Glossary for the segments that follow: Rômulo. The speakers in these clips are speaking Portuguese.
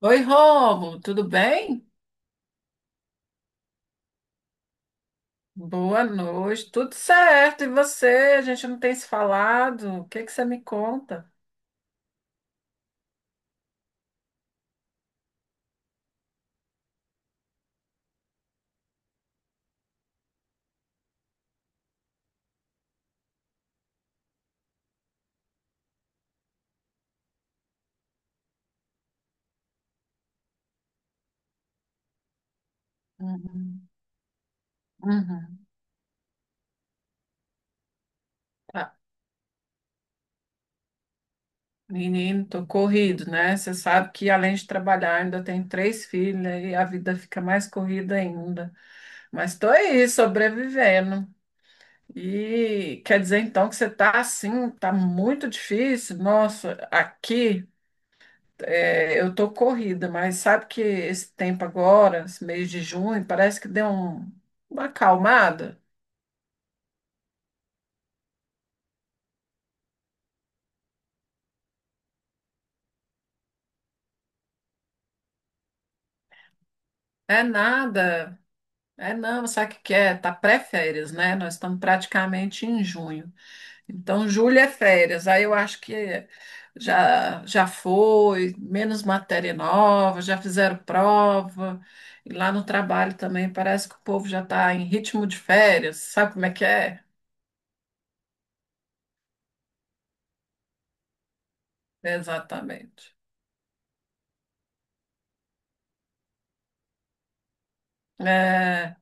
Oi, Rômulo, tudo bem? Boa noite, tudo certo. E você? A gente não tem se falado. O que que você me conta? Uhum. Uhum. Tá. Menino, tô corrido, né? Você sabe que além de trabalhar, ainda tenho três filhas e a vida fica mais corrida ainda. Mas tô aí, sobrevivendo. E quer dizer então que você tá assim, tá muito difícil? Nossa, aqui. É, eu tô corrida, mas sabe que esse tempo agora, esse mês de junho, parece que uma acalmada. É nada, é não, sabe o que que é? Tá pré-férias, né? Nós estamos praticamente em junho. Então, julho é férias, aí eu acho que já foi, menos matéria nova, já fizeram prova. E lá no trabalho também parece que o povo já está em ritmo de férias, sabe como é que é? Exatamente. É,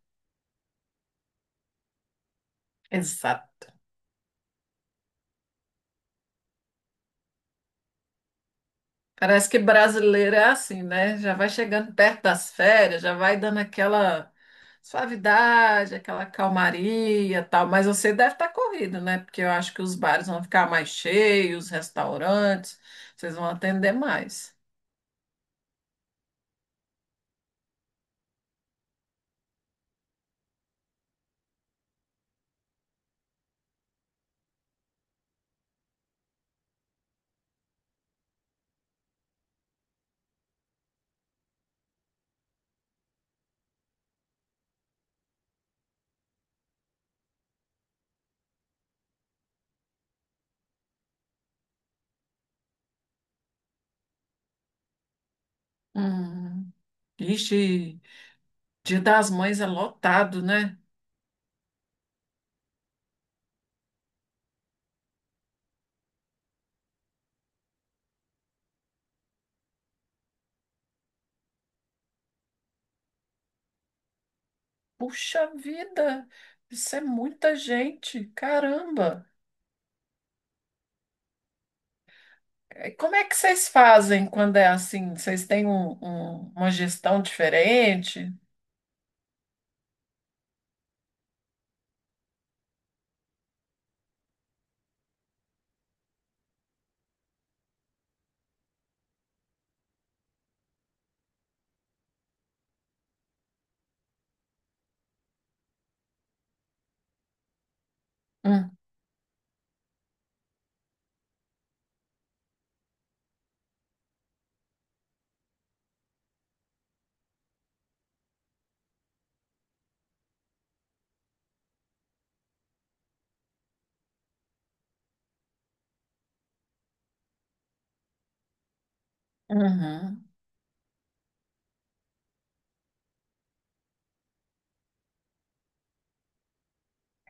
parece que brasileiro é assim, né? Já vai chegando perto das férias, já vai dando aquela suavidade, aquela calmaria, e tal. Mas você deve estar corrido, né? Porque eu acho que os bares vão ficar mais cheios, os restaurantes, vocês vão atender mais. Hum. Ixi, Dia das Mães é lotado, né? Puxa vida, isso é muita gente, caramba. É, como é que vocês fazem quando é assim? Vocês têm uma gestão diferente? Hum. Uhum.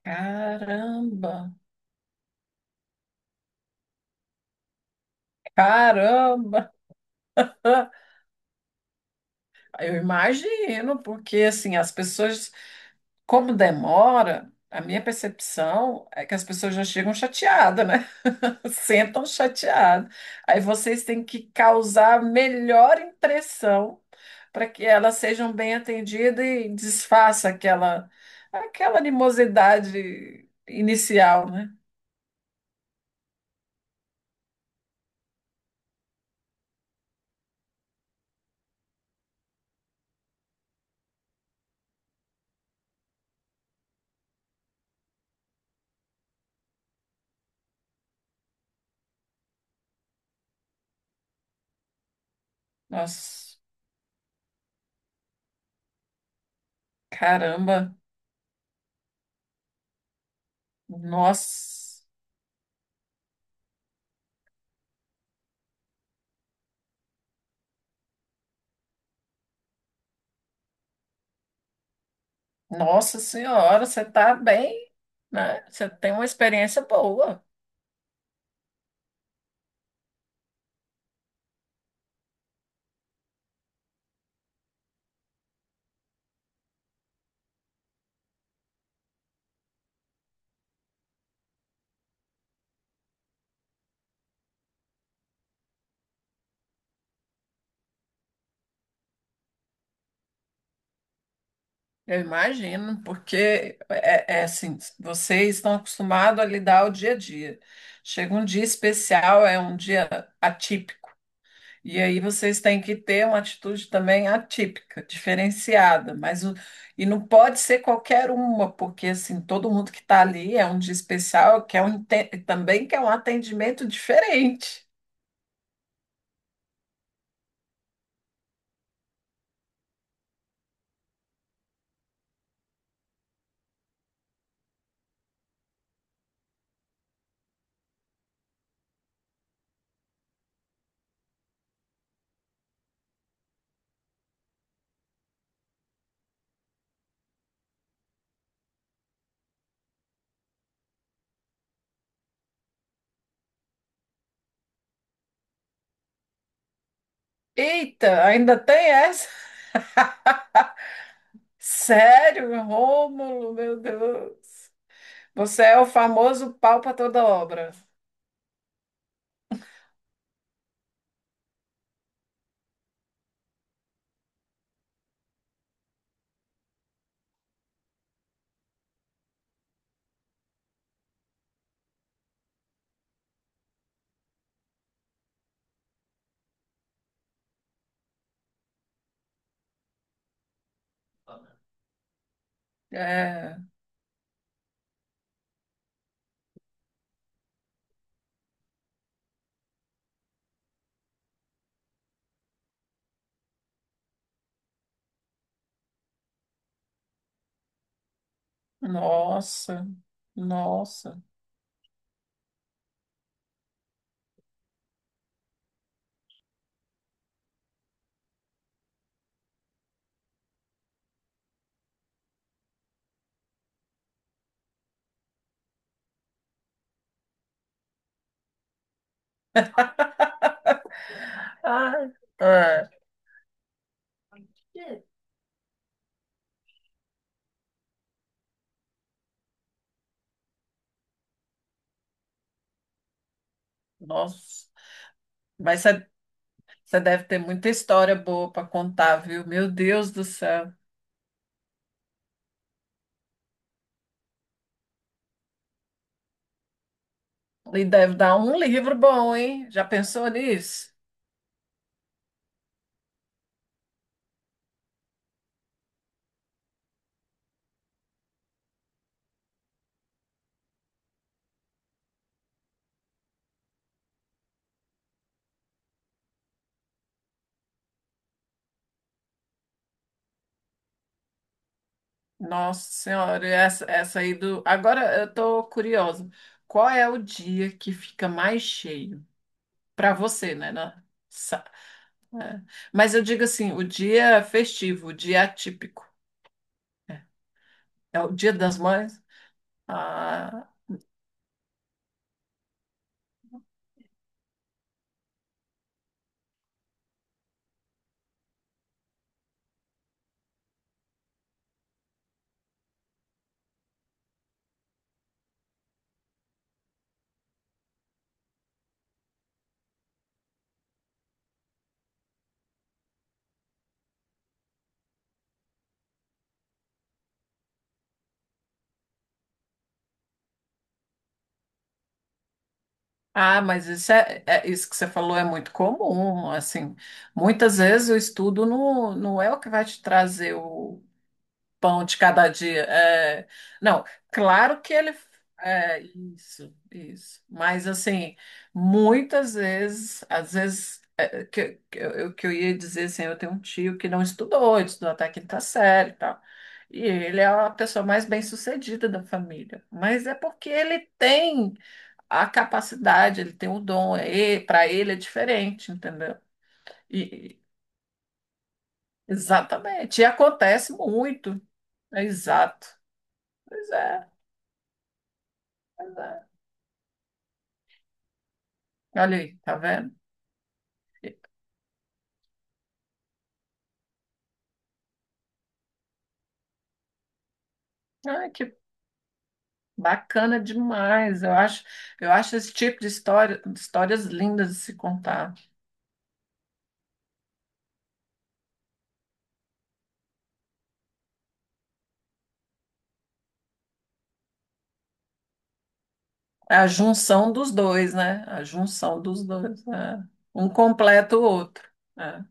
Caramba, caramba. Eu imagino, porque assim, as pessoas, como demora, a minha percepção é que as pessoas já chegam chateadas, né? Sentam chateadas. Aí vocês têm que causar a melhor impressão para que elas sejam bem atendidas e desfaça aquela, aquela animosidade inicial, né? Nossa, caramba, nossa. Nossa senhora, você está bem, né? Você tem uma experiência boa, eu imagino, porque é, é assim, vocês estão acostumados a lidar o dia a dia. Chega um dia especial, é um dia atípico, e aí vocês têm que ter uma atitude também atípica, diferenciada, e não pode ser qualquer uma, porque assim, todo mundo que está ali é um dia especial, quer um, também quer um atendimento diferente. Eita, ainda tem essa? Sério, Rômulo, meu Deus. Você é o famoso pau para toda obra. É, nossa, nossa. Ai, é, nossa. Mas você deve ter muita história boa para contar, viu? Meu Deus do céu. E deve dar um livro bom, hein? Já pensou nisso? Nossa Senhora, essa aí do. Agora eu tô curiosa. Qual é o dia que fica mais cheio? Para você, né? Né? Mas eu digo assim, o dia festivo, o dia atípico, é o Dia das Mães. Ah, ah, mas isso é, isso que você falou é muito comum, assim. Muitas vezes o estudo não, não é o que vai te trazer o pão de cada dia. É. Não, claro que ele. É, isso, isso. Mas, assim, muitas vezes, às vezes, é, que eu ia dizer assim, eu tenho um tio que não estudou, ele estudou até a quinta série e tal. E ele é a pessoa mais bem-sucedida da família. Mas é porque ele tem a capacidade, ele tem o dom, é, para ele é diferente, entendeu? E, exatamente. E acontece muito. É exato. Pois é. Exato. Olha aí, tá vendo? Ai, que bacana demais. Eu acho esse tipo de história, histórias lindas de se contar. É a junção dos dois, né? A junção dos dois. Né? Um completa o outro. É.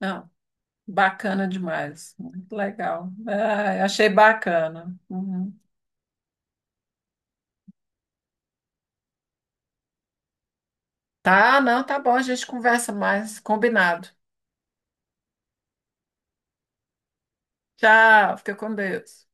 Não, bacana demais. Muito legal. Ai, achei bacana. Uhum. Tá, não, tá bom. A gente conversa mais. Combinado. Tchau, fica com Deus.